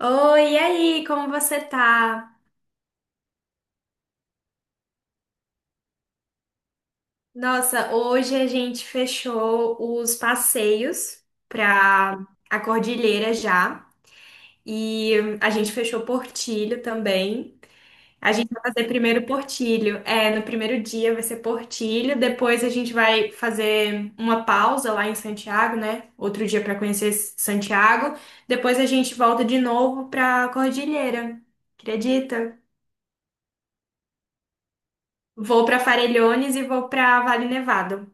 Oi, e aí, como você tá? Nossa, hoje a gente fechou os passeios pra a Cordilheira já. E a gente fechou Portilho também. A gente vai fazer primeiro Portilho. É, no primeiro dia vai ser Portilho, depois a gente vai fazer uma pausa lá em Santiago, né? Outro dia para conhecer Santiago. Depois a gente volta de novo pra Cordilheira. Acredita? Vou para Farellones e vou para Vale Nevado.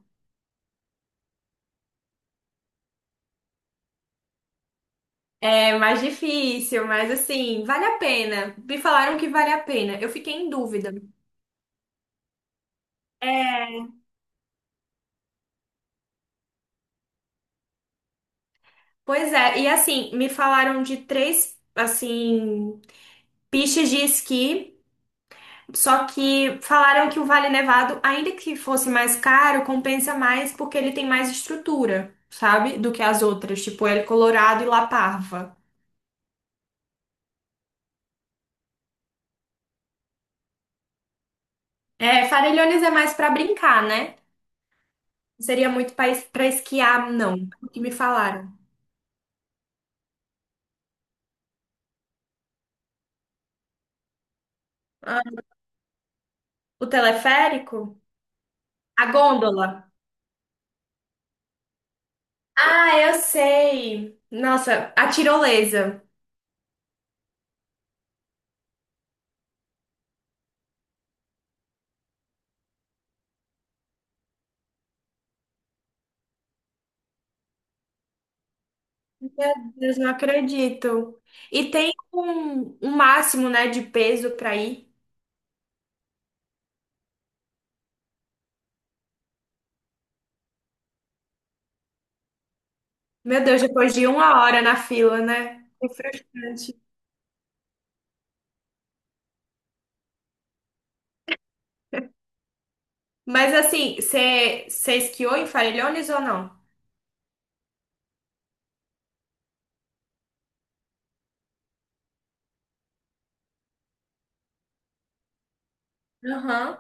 É mais difícil, mas assim, vale a pena. Me falaram que vale a pena. Eu fiquei em dúvida. É, pois é, e assim, me falaram de três, assim, pistas de esqui, só que falaram que o Vale Nevado, ainda que fosse mais caro, compensa mais porque ele tem mais estrutura, sabe? Do que as outras, tipo El Colorado e La Parva. É, Farellones é mais pra brincar, né? Não seria muito pra esquiar, não, o que me falaram. Ah, o teleférico? A gôndola. Ah, eu sei. Nossa, a tirolesa. Meu Deus, não acredito. E tem um máximo, né, de peso para ir. Meu Deus, depois de uma hora na fila, né? Que frustrante. Mas assim, você esquiou em Farellones ou não? Aham.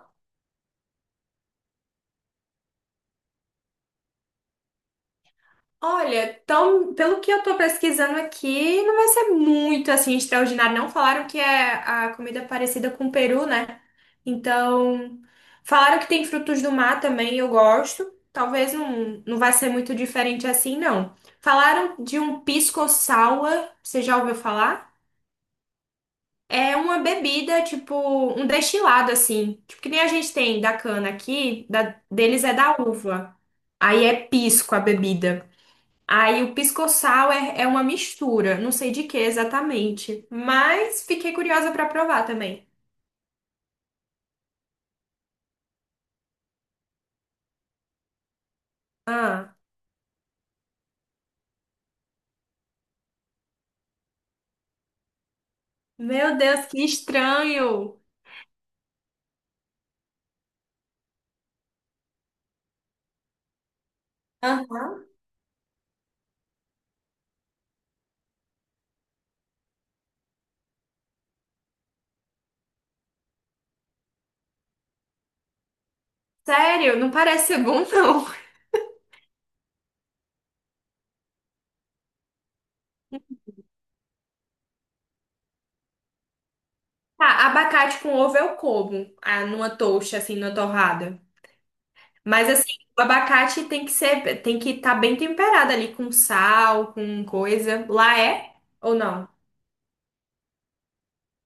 Olha, tão, pelo que eu tô pesquisando aqui, não vai ser muito assim extraordinário. Não falaram que é a comida parecida com o peru, né? Então, falaram que tem frutos do mar também, eu gosto. Talvez não, não vai ser muito diferente assim, não. Falaram de um pisco sour, você já ouviu falar? É uma bebida, tipo, um destilado assim. Tipo, que nem a gente tem da cana aqui, deles é da uva. Aí é pisco a bebida. Aí o pisco-sal é, é uma mistura, não sei de que exatamente, mas fiquei curiosa pra provar também. Ah, meu Deus, que estranho! Aham. Sério, não parece ser bom, não. Tá, abacate com ovo eu como, ah, numa toast, assim, numa torrada. Mas assim, o abacate tem que ser, tem que estar bem temperado ali com sal, com coisa. Lá é ou não?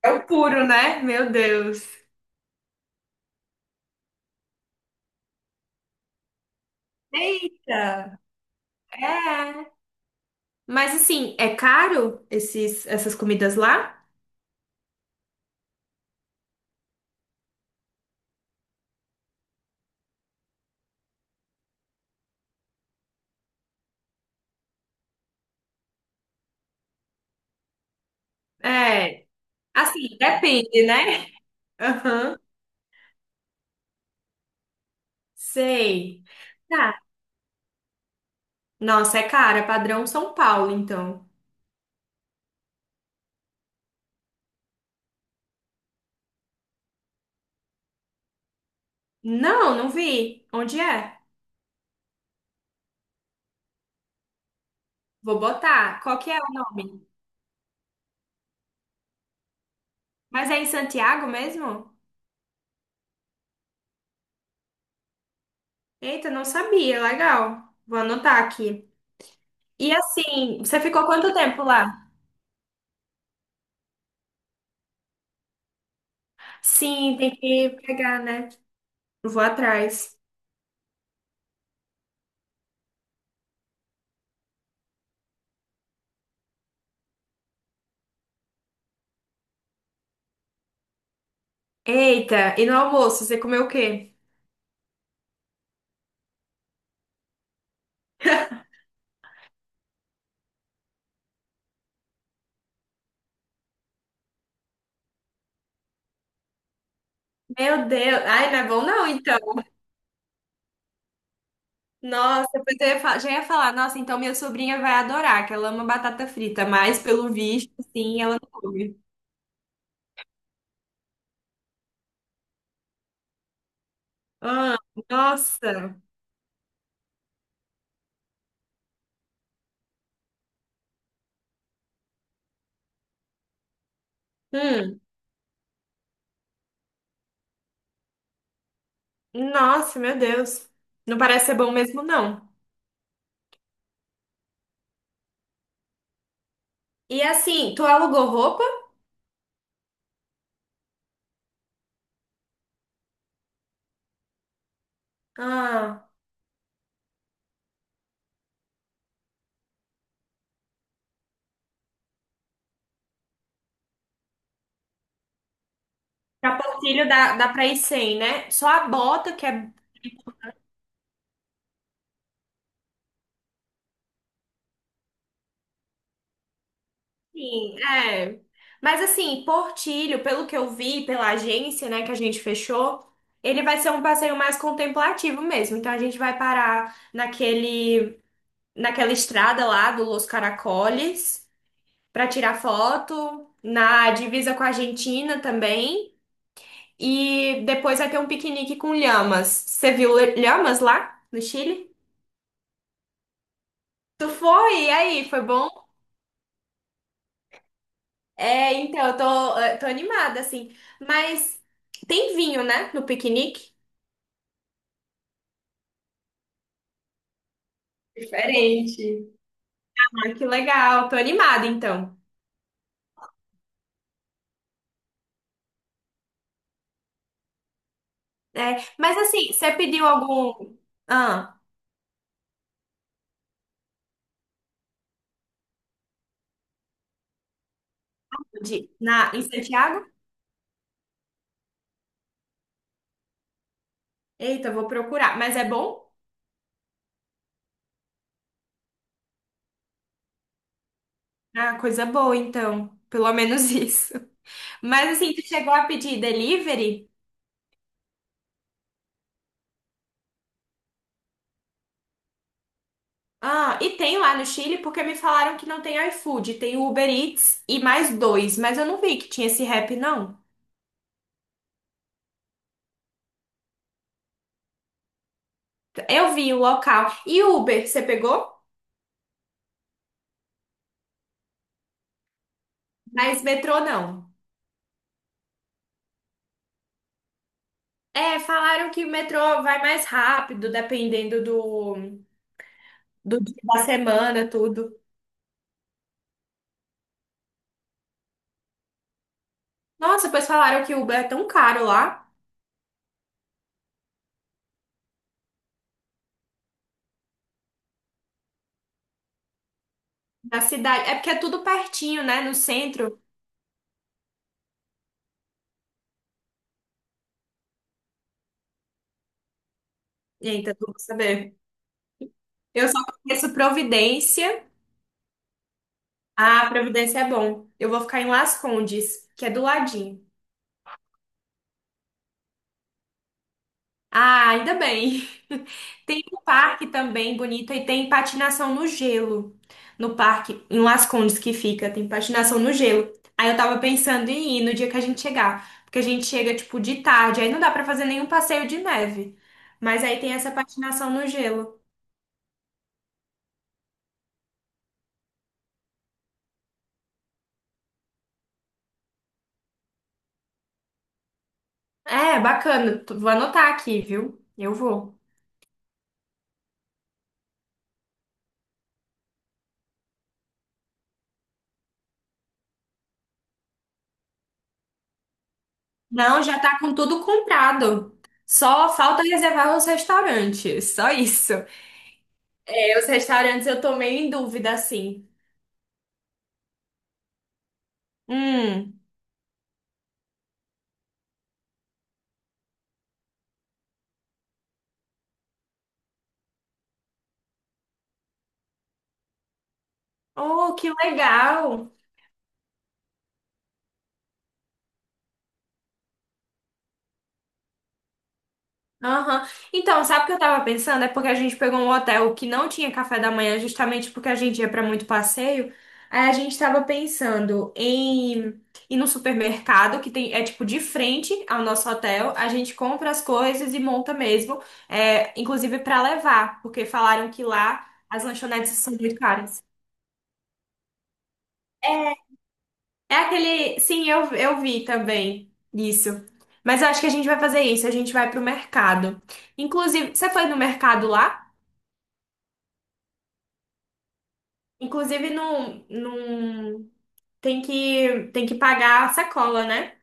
É o puro, né? Meu Deus. Eita! É. Mas assim, é caro esses, essas comidas lá? É, assim, depende, né? Aham, sei. Tá. Nossa, é cara, é padrão São Paulo, então. Não, não vi. Onde é? Vou botar. Qual que é o nome? Mas é em Santiago mesmo? Eita, não sabia. Legal. Vou anotar aqui. E assim, você ficou quanto tempo lá? Sim, tem que pegar, né? Vou atrás. Eita, e no almoço, você comeu o quê? Meu Deus. Ai, não é bom não, então. Nossa, depois eu ia fa- já ia falar, nossa, então minha sobrinha vai adorar, que ela ama batata frita, mas pelo visto, sim, ela não come. Ah, nossa. Hum, nossa, meu Deus. Não parece ser bom mesmo, não. E assim, tu alugou roupa? Ah, sapatilho dá, dá pra ir sem, né? Só a bota que é sim, é. Mas assim, Portilho, pelo que eu vi pela agência, né, que a gente fechou, ele vai ser um passeio mais contemplativo mesmo. Então a gente vai parar naquele, naquela estrada lá do Los Caracoles para tirar foto, na divisa com a Argentina também. E depois vai ter um piquenique com lhamas. Você viu lhamas lá no Chile? Tu foi? E aí, foi bom? É, então, eu tô animada, assim. Mas tem vinho, né, no piquenique? Diferente. Ah, que legal, tô animada, então. É, mas assim, você pediu algum... Ah, de, na, em Santiago? Eita, vou procurar. Mas é bom? Ah, coisa boa, então. Pelo menos isso. Mas assim, tu chegou a pedir delivery? Ah, e tem lá no Chile, porque me falaram que não tem iFood, tem Uber Eats e mais dois, mas eu não vi que tinha esse rap, não. Eu vi o local. E Uber, você pegou? Mas metrô não. É, falaram que o metrô vai mais rápido, dependendo do, do dia da semana, tudo. Nossa, depois falaram que o Uber é tão caro lá na cidade. É porque é tudo pertinho, né? No centro. Eita, tu vou saber. Eu só conheço Providência. Ah, Providência é bom. Eu vou ficar em Las Condes, que é do ladinho. Ah, ainda bem. Tem um parque também bonito e tem patinação no gelo. No parque, em Las Condes que fica, tem patinação no gelo. Aí eu tava pensando em ir no dia que a gente chegar, porque a gente chega tipo de tarde, aí não dá pra fazer nenhum passeio de neve. Mas aí tem essa patinação no gelo. É, bacana. Tu- Vou anotar aqui, viu? Eu vou. Não, já tá com tudo comprado. Só falta reservar os restaurantes, só isso. É, os restaurantes eu tô meio em dúvida assim. Hum. Oh, que legal! Aham. Então, sabe o que eu tava pensando? É porque a gente pegou um hotel que não tinha café da manhã, justamente porque a gente ia pra muito passeio. Aí a gente tava pensando em ir no supermercado, que tem, é tipo de frente ao nosso hotel. A gente compra as coisas e monta mesmo, é, inclusive pra levar, porque falaram que lá as lanchonetes são muito caras. É. É aquele. Sim, eu vi também isso. Mas eu acho que a gente vai fazer isso. A gente vai pro mercado. Inclusive, você foi no mercado lá? Inclusive, não, não tem que pagar a sacola, né?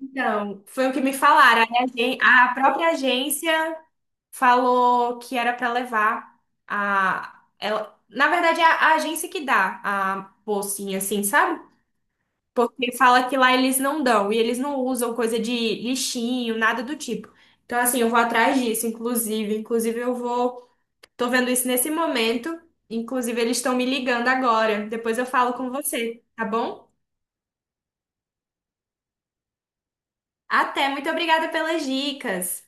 Então, foi o que me falaram. A própria agência falou que era para levar a. Ela, na verdade, é a agência que dá a bolsinha, assim, sabe? Porque fala que lá eles não dão, e eles não usam coisa de lixinho, nada do tipo. Então, assim, eu vou atrás disso, inclusive. Inclusive, eu vou. Tô vendo isso nesse momento. Inclusive, eles estão me ligando agora. Depois eu falo com você, tá bom? Até, muito obrigada pelas dicas.